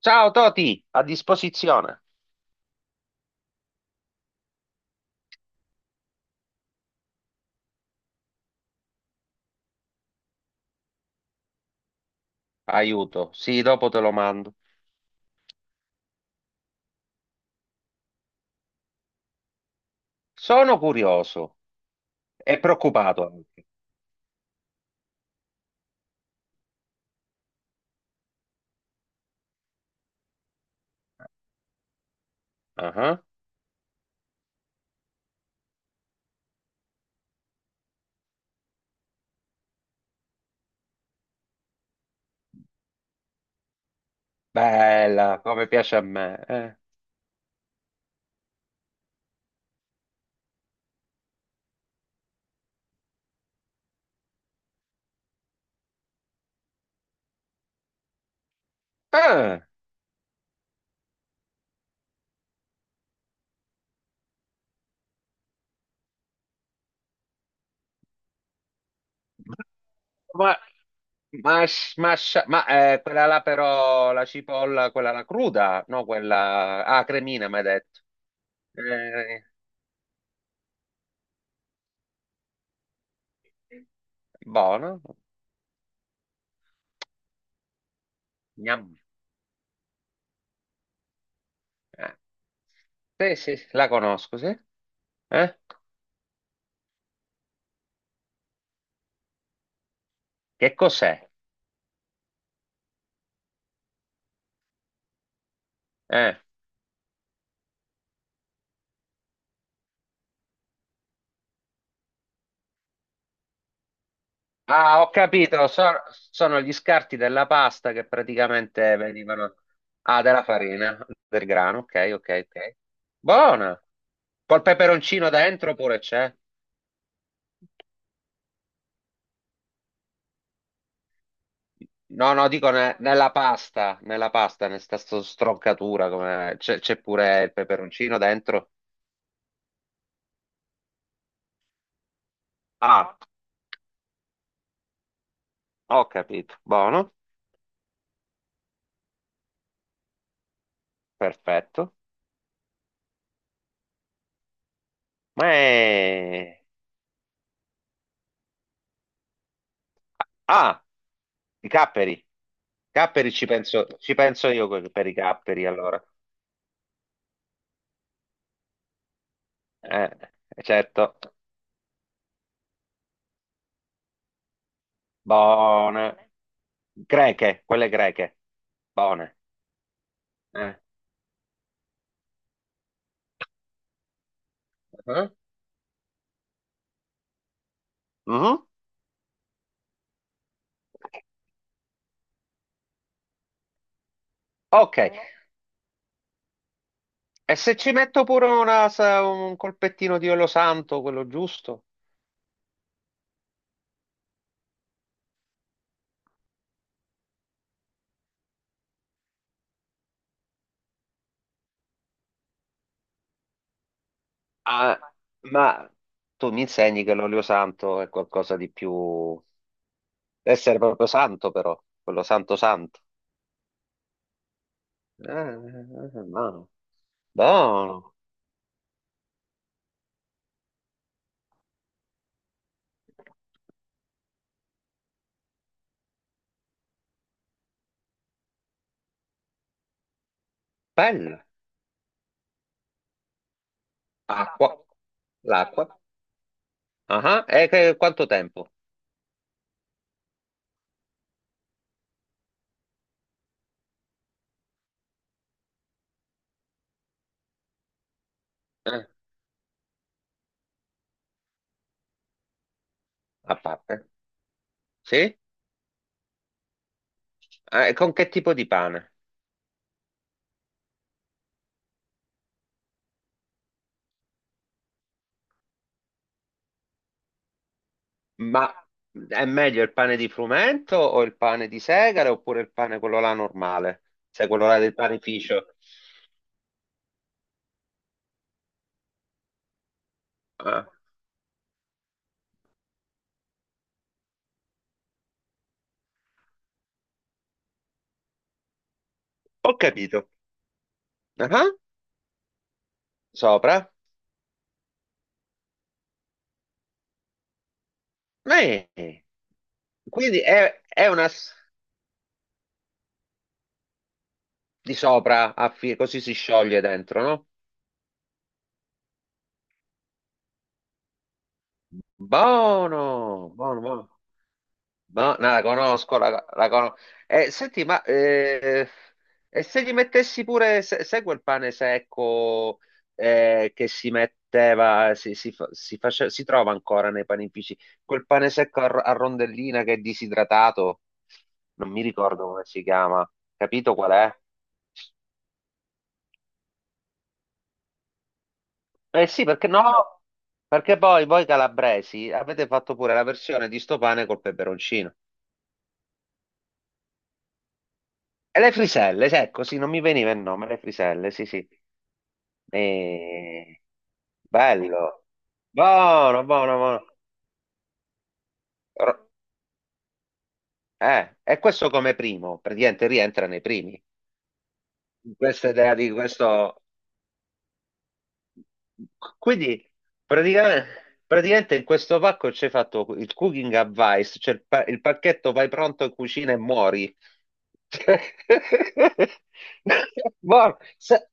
Ciao Toti, a disposizione. Aiuto, sì, dopo te lo mando. Sono curioso e preoccupato anche. Ah, bella, come piace a me. Ah, ma, ma, ma, ma, quella là però, la cipolla, quella là cruda, no? Quella, ah, cremina, mi hai detto. Eh, Buono. Gnam. Eh, Sì, sì, la conosco, sì. Eh? Che cos'è? Eh. Ah, ho capito, sono gli scarti della pasta che praticamente venivano... Ah, della farina, del grano, ok, ok, ok. Buona! Col peperoncino dentro pure c'è? No, no, dico nella pasta, nella stroncatura, come... c'è pure il peperoncino dentro? Ah, ho capito, buono, perfetto. Ma è... Ah, i capperi, capperi ci penso io per i capperi, allora. Eh, certo, buone. Greche, quelle greche, buone. Eh. Mhm. Mhm. Ok, e se ci metto pure un colpettino di olio santo, quello giusto? Ah, ma tu mi insegni che l'olio santo è qualcosa di più... Deve essere proprio santo però, quello santo santo. No. Buono, bello. Acqua, l'acqua. Ah, ah. E quanto tempo? Eh. A parte? Sì? Con che tipo di pane? Ma è meglio il pane di frumento o il pane di segale oppure il pane quello là normale? Cioè quello là del panificio? Ah, ho capito. Ah, sopra? Eh, quindi è una di sopra, a così si scioglie dentro, no? Buono, buono, buono. No, no, la conosco, la conosco. Senti, e se gli mettessi pure, se, sai quel pane secco che si metteva, si, si trova ancora nei panifici, quel pane secco a rondellina che è disidratato, non mi ricordo come si chiama, capito qual è? Eh sì, perché no? Perché poi voi calabresi avete fatto pure la versione di sto pane col peperoncino. E le friselle, sì, ecco, sì, non mi veniva il nome, le friselle, sì, sì. Eh, bello, buono, buono, buono. Ro- e questo come primo, praticamente rientra nei primi. Questa idea di questo. Quindi, pratica- praticamente, in questo pacco c'è fatto il cooking advice, cioè il pacchetto vai pronto in cucina e muori. Buono.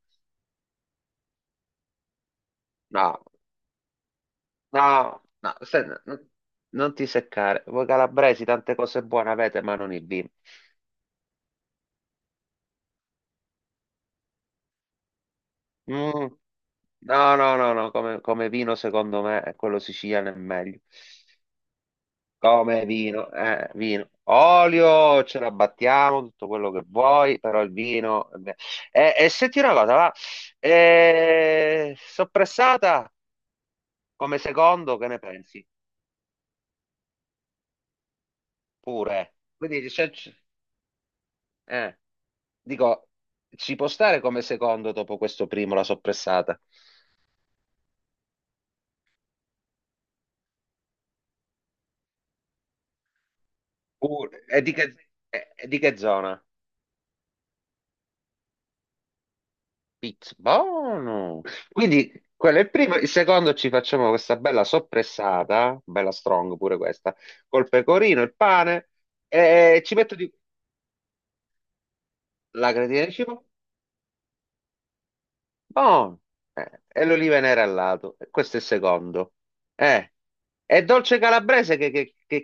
No, no, no, non ti seccare. Voi calabresi tante cose buone avete, ma non il vino. Mm, No, no, no, no, come vino secondo me è quello siciliano è meglio. Come vino, vino. Olio, ce la battiamo, tutto quello che vuoi, però il vino... è e senti una cosa, va, soppressata come secondo, che ne pensi? Pure. Quindi eh, dico, ci può stare come secondo dopo questo primo la soppressata? Pure. E di che zona? Buono! Quindi quello è il primo, il secondo ci facciamo questa bella soppressata, bella strong pure questa, col pecorino, il pane, e ci metto di... la gratina di cibo, buono! E l'oliva nera al lato, questo è il secondo. Eh, e dolce calabrese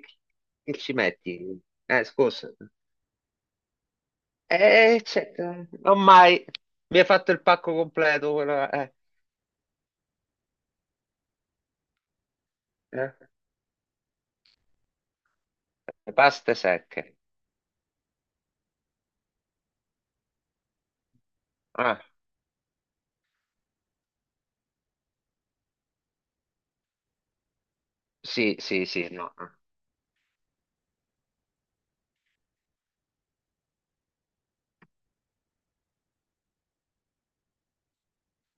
che ci metti? Scusa. Eh, c'è- non mai, mi hai fatto il pacco completo, eh. Le paste secche. Ah. Sì, sì, sì, no.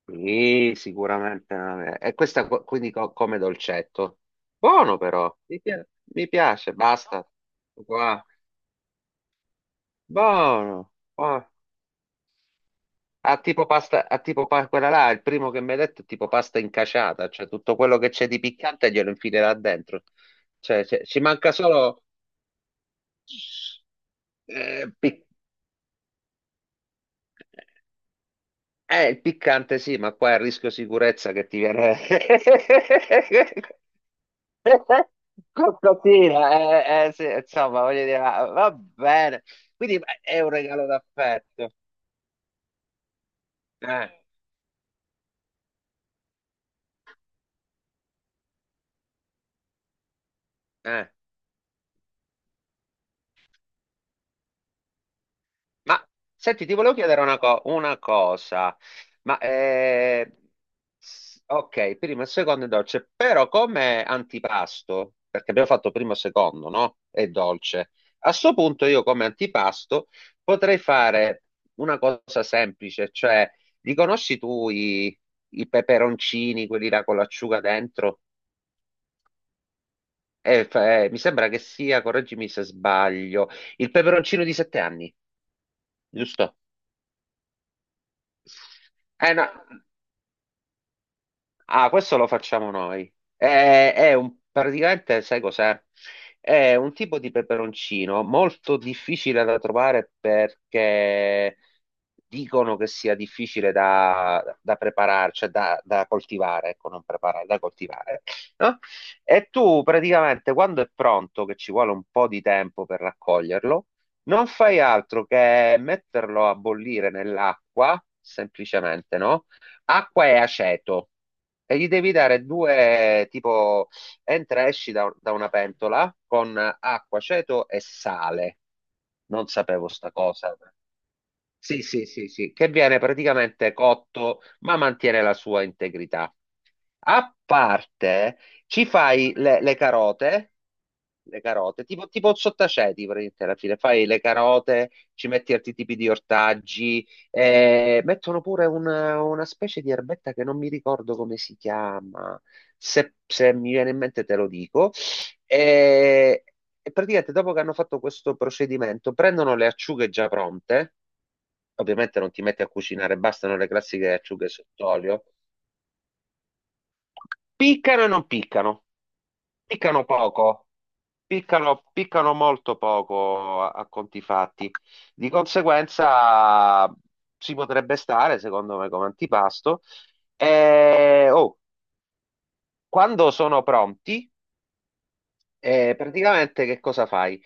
Sì, sicuramente. Non è- E questa quindi come dolcetto. Buono però, mi piace, basta. Qua. Buono, buono. Ha tipo pasta, ha quella là, il primo che mi hai detto è tipo pasta incasciata, cioè tutto quello che c'è di piccante glielo infilerà dentro. Cioè, ci manca solo... Eh, pic- il piccante sì, ma qua è il rischio sicurezza che ti viene... Qualcosina, sì, insomma, voglio dire, va bene. Quindi è un regalo d'affetto. Eh, eh. Ma senti, ti volevo chiedere una cosa. Ma eh, ok, primo e secondo è dolce, però come antipasto, perché abbiamo fatto primo e secondo, no? È dolce. A sto punto io come antipasto potrei fare una cosa semplice, cioè li conosci tu i peperoncini, quelli là con l'acciuga dentro? Mi sembra che sia, correggimi se sbaglio, il peperoncino di sette anni, giusto? Eh no. Ah, questo lo facciamo noi. È un, praticamente, sai cos'è? È un tipo di peperoncino molto difficile da trovare perché dicono che sia difficile da preparare, cioè da coltivare, ecco, non preparare, da coltivare, no? E tu praticamente quando è pronto, che ci vuole un po' di tempo per raccoglierlo, non fai altro che metterlo a bollire nell'acqua, semplicemente, no? Acqua e aceto e gli devi dare due, tipo, entra e esci da una pentola con acqua, aceto e sale. Non sapevo sta cosa. Sì, sì, sì, sì, che viene praticamente cotto, ma mantiene la sua integrità. A parte, ci fai le carote, tipo, tipo il sottaceti praticamente alla fine, fai le carote, ci metti altri tipi di ortaggi, mettono pure una specie di erbetta che non mi ricordo come si chiama, se, se mi viene in mente te lo dico, e, e praticamente dopo che hanno fatto questo procedimento prendono le acciughe già pronte, ovviamente non ti metti a cucinare, bastano le classiche acciughe sott'olio, piccano e non piccano, piccano poco. Piccano, piccano molto poco a conti fatti. Di conseguenza si potrebbe stare, secondo me, come antipasto. E, oh, quando sono pronti, e praticamente che cosa fai?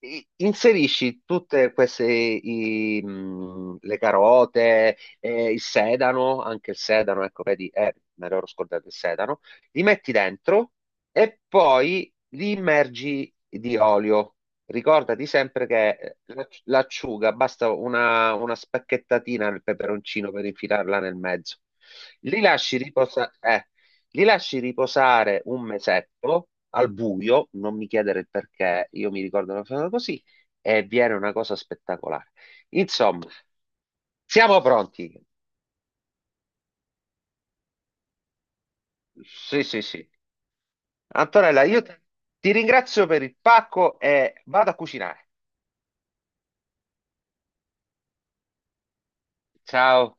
Inserisci tutte queste le carote, il sedano, anche il sedano, ecco, vedi, me l'ero scordato il sedano, li metti dentro e poi li immergi di olio. Ricordati sempre che l'acciuga basta una spacchettatina nel peperoncino per infilarla nel mezzo. Li lasci riposare, eh, li lasci riposare un mesetto al buio, non mi chiedere il perché, io mi ricordo una cosa così, e viene una cosa spettacolare. Insomma, siamo pronti. Sì, sì, sì. Antonella, io ti ringrazio per il pacco e vado a cucinare. Ciao.